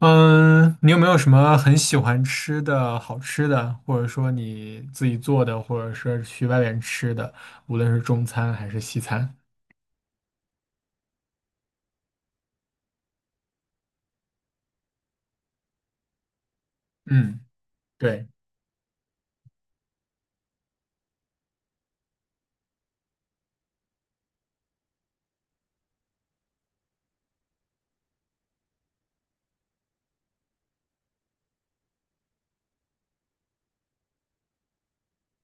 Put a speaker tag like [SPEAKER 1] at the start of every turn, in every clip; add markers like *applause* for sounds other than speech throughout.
[SPEAKER 1] 嗯，你有没有什么很喜欢吃的好吃的，或者说你自己做的，或者是去外面吃的，无论是中餐还是西餐？嗯，对，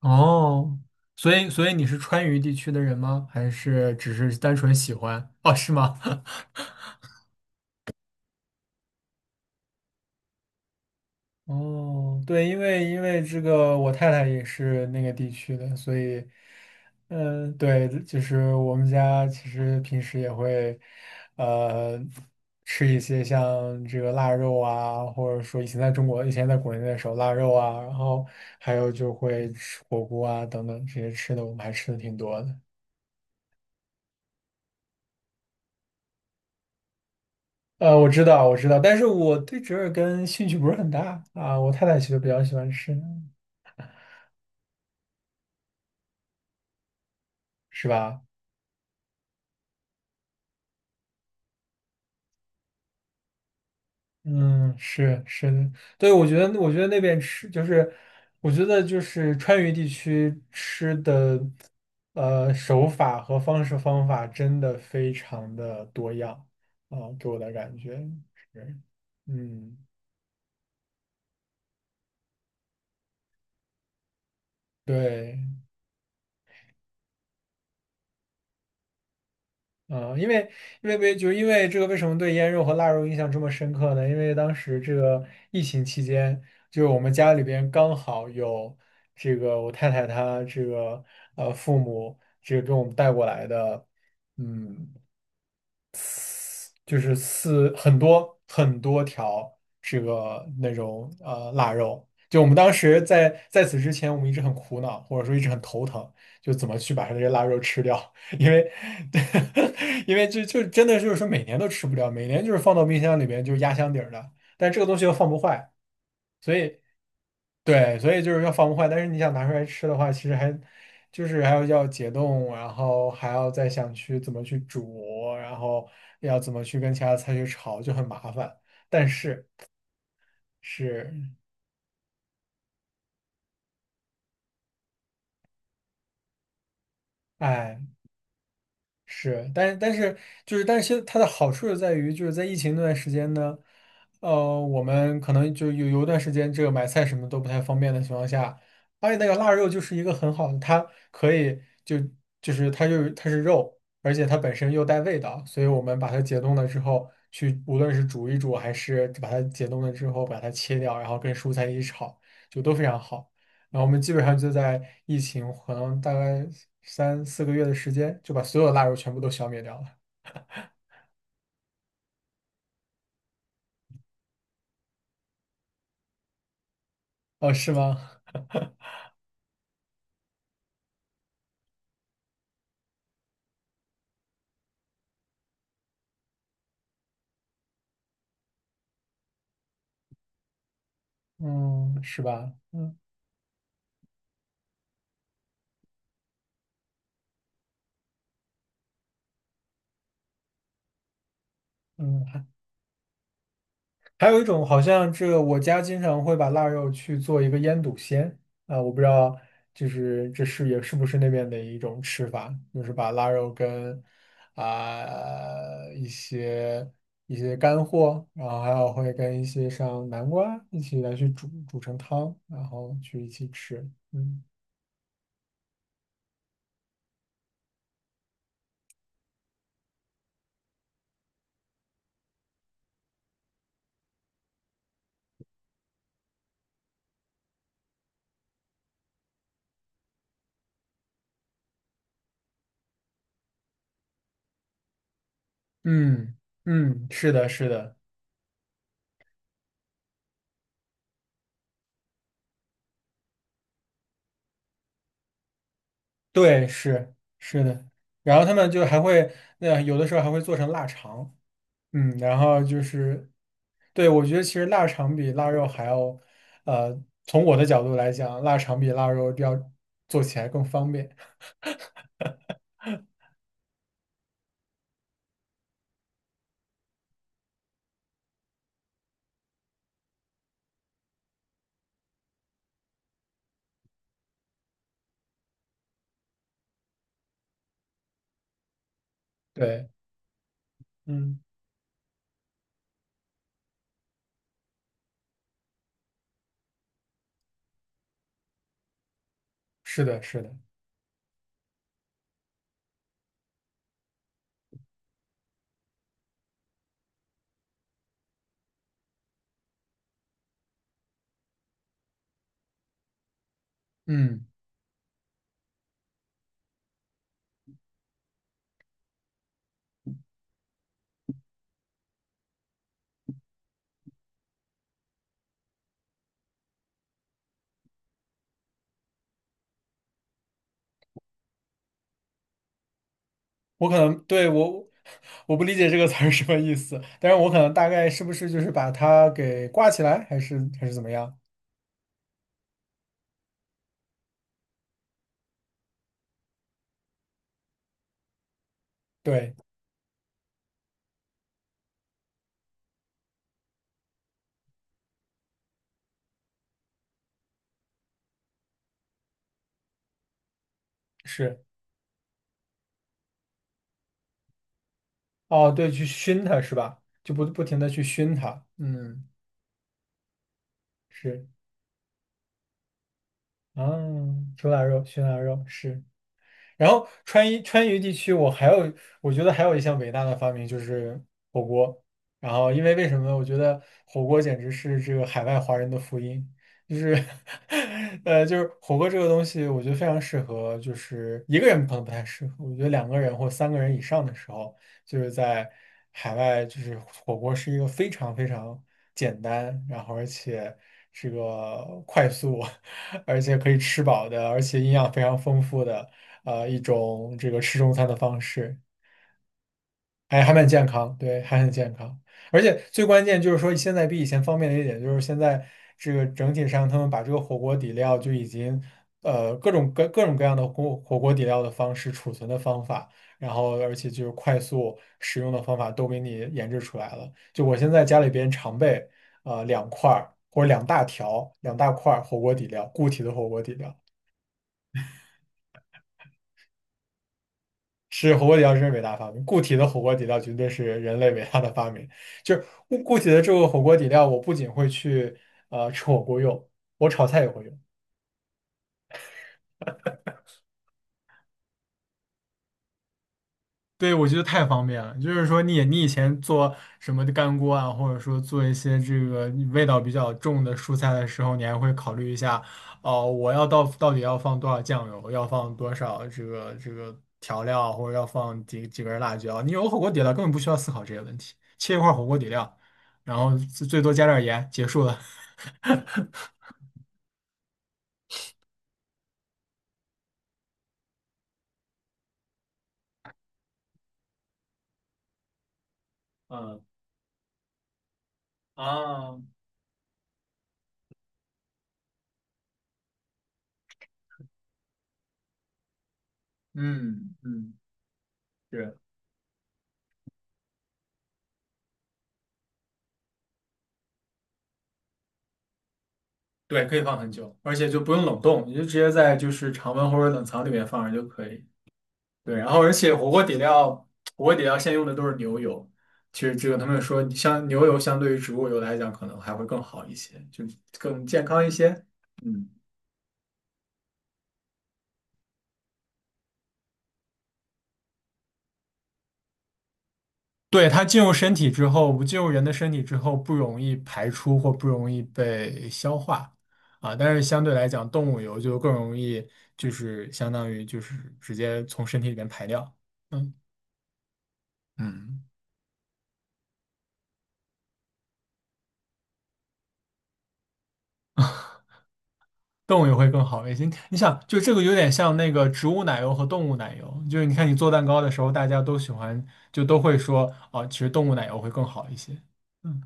[SPEAKER 1] 哦，所以你是川渝地区的人吗？还是只是单纯喜欢？哦，是吗？*laughs* 哦，对，因为这个我太太也是那个地区的，所以，嗯，对，就是我们家其实平时也会，呃，吃一些像这个腊肉啊，或者说以前在中国，以前在国内的时候腊肉啊，然后还有就会吃火锅啊等等这些吃的，我们还吃的挺多的。我知道，我知道，但是我对折耳根兴趣不是很大啊，我太太其实比较喜欢吃，是吧？嗯，是的，对，我觉得那边吃就是，我觉得就是川渝地区吃的，手法和方式方法真的非常的多样啊，给我的感觉是，嗯，对。嗯，因为这个，为什么对腌肉和腊肉印象这么深刻呢？因为当时这个疫情期间，就是我们家里边刚好有这个我太太她这个父母这个给我们带过来的，嗯。就是四很多很多条这个那种腊肉。就我们当时在此之前，我们一直很苦恼，或者说一直很头疼，就怎么去把它这些腊肉吃掉，*laughs* 因为 *laughs* 因为就真的就是说每年都吃不掉，每年就是放到冰箱里边就是压箱底儿的，但这个东西又放不坏，所以。对，所以就是要防坏，但是你想拿出来吃的话，其实还就是还要解冻，然后还要再想去怎么去煮，然后要怎么去跟其他菜去炒，就很麻烦。但是，哎，是，但是就是，但是它的好处就在于，就是在疫情那段时间呢，我们可能就有一段时间，这个买菜什么都不太方便的情况下，而且那个腊肉就是一个很好的，它可以就它是肉，而且它本身又带味道，所以我们把它解冻了之后，去无论是煮一煮，还是把它解冻了之后把它切掉，然后跟蔬菜一起炒，就都非常好。然后我们基本上就在疫情可能大概三四个月的时间，就把所有的腊肉全部都消灭掉了。哦，是吗？*laughs* 嗯，是吧？嗯嗯，还有一种好像这我家经常会把腊肉去做一个腌笃鲜啊，我不知道就是这是也是不是那边的一种吃法，就是把腊肉跟啊、一些一些干货，然后还有会跟一些像南瓜一起来去煮成汤，然后去一起吃。嗯嗯嗯，是的，是的，对，是的。然后他们就还会，那有的时候还会做成腊肠。嗯，然后就是，对，我觉得其实腊肠比腊肉还要，从我的角度来讲，腊肠比腊肉要做起来更方便。对，嗯，是的，是的，嗯，我可能对我不理解这个词儿什么意思，但是我可能大概是不是就是把它给挂起来，还是怎么样？对，是，哦，对，去熏它是吧？就不停的去熏它，嗯，是，啊，煮腊肉，熏腊肉是。然后川渝地区，我觉得还有一项伟大的发明就是火锅。然后为什么呢？我觉得火锅简直是这个海外华人的福音，就是 *laughs* 就是火锅这个东西，我觉得非常适合，就是一个人可能不太适合，我觉得两个人或三个人以上的时候，就是在海外，就是火锅是一个非常非常简单，然后而且这个快速，*laughs* 而且可以吃饱的，而且营养非常丰富的。一种这个吃中餐的方式，还蛮健康，对，还很健康。而且最关键就是说，现在比以前方便的一点就是现在这个整体上，他们把这个火锅底料就已经各种各样的火锅底料的方式、储存的方法，然后而且就是快速使用的方法都给你研制出来了。就我现在家里边常备两块儿或者两大条、两大块儿火锅底料，固体的火锅底料。是火锅底料真是伟大发明，固体的火锅底料绝对是人类伟大的发明。就是固体的这个火锅底料，我不仅会去吃火锅用，我炒菜也会用。对，我觉得太方便了。就是说你以前做什么的干锅啊，或者说做一些这个味道比较重的蔬菜的时候，你还会考虑一下，哦、我要到底要放多少酱油，要放多少这个调料，或者要放几根辣椒。你有火锅底料，根本不需要思考这些问题，切一块火锅底料，然后最多加点盐，结束了。*laughs* 嗯啊，嗯嗯，是。对，可以放很久，而且就不用冷冻，你就直接在就是常温或者冷藏里面放着就可以。对，然后而且火锅底料现在用的都是牛油，其实这个他们说，像牛油相对于植物油来讲，可能还会更好一些，就更健康一些。嗯，对，它进入身体之后，不进入人的身体之后，不容易排出或不容易被消化啊。但是相对来讲，动物油就更容易，就是相当于就是直接从身体里面排掉。嗯。嗯。动物油会更好一些。你想，就这个有点像那个植物奶油和动物奶油，就是你看你做蛋糕的时候，大家都喜欢，就都会说啊，其实动物奶油会更好一些。嗯，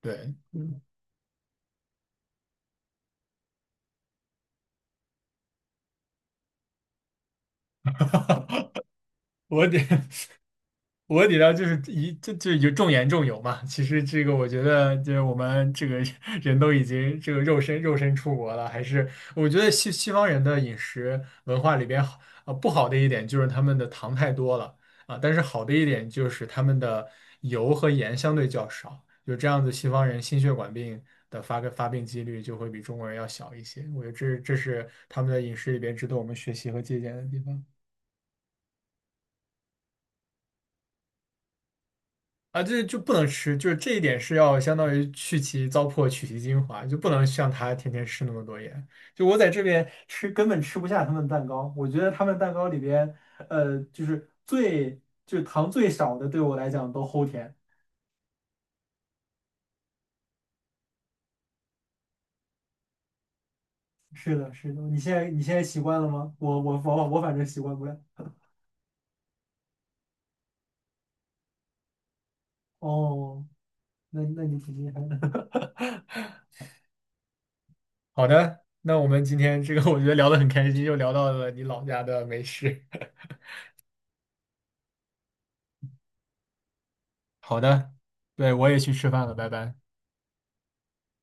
[SPEAKER 1] 对，*laughs* 嗯，我得 *laughs* 我底料就是一就有重盐重油嘛。其实这个我觉得，就是我们这个 *laughs* 人都已经这个肉身肉身出国了，还是我觉得西方人的饮食文化里边不好的一点就是他们的糖太多了啊，但是好的一点就是他们的油和盐相对较少，就这样子西方人心血管病的发病几率就会比中国人要小一些。我觉得这是他们的饮食里边值得我们学习和借鉴的地方。啊，这就不能吃，就是这一点是要相当于去其糟粕，取其精华，就不能像他天天吃那么多盐。就我在这边吃，根本吃不下他们蛋糕。我觉得他们蛋糕里边，就是就是糖最少的，对我来讲都齁甜。是的，是的，你现在习惯了吗？我反正习惯不了。哦，那你挺厉害的。*laughs* 好的，那我们今天这个我觉得聊得很开心，又聊到了你老家的美食。*laughs* 好的，对，我也去吃饭了，拜拜。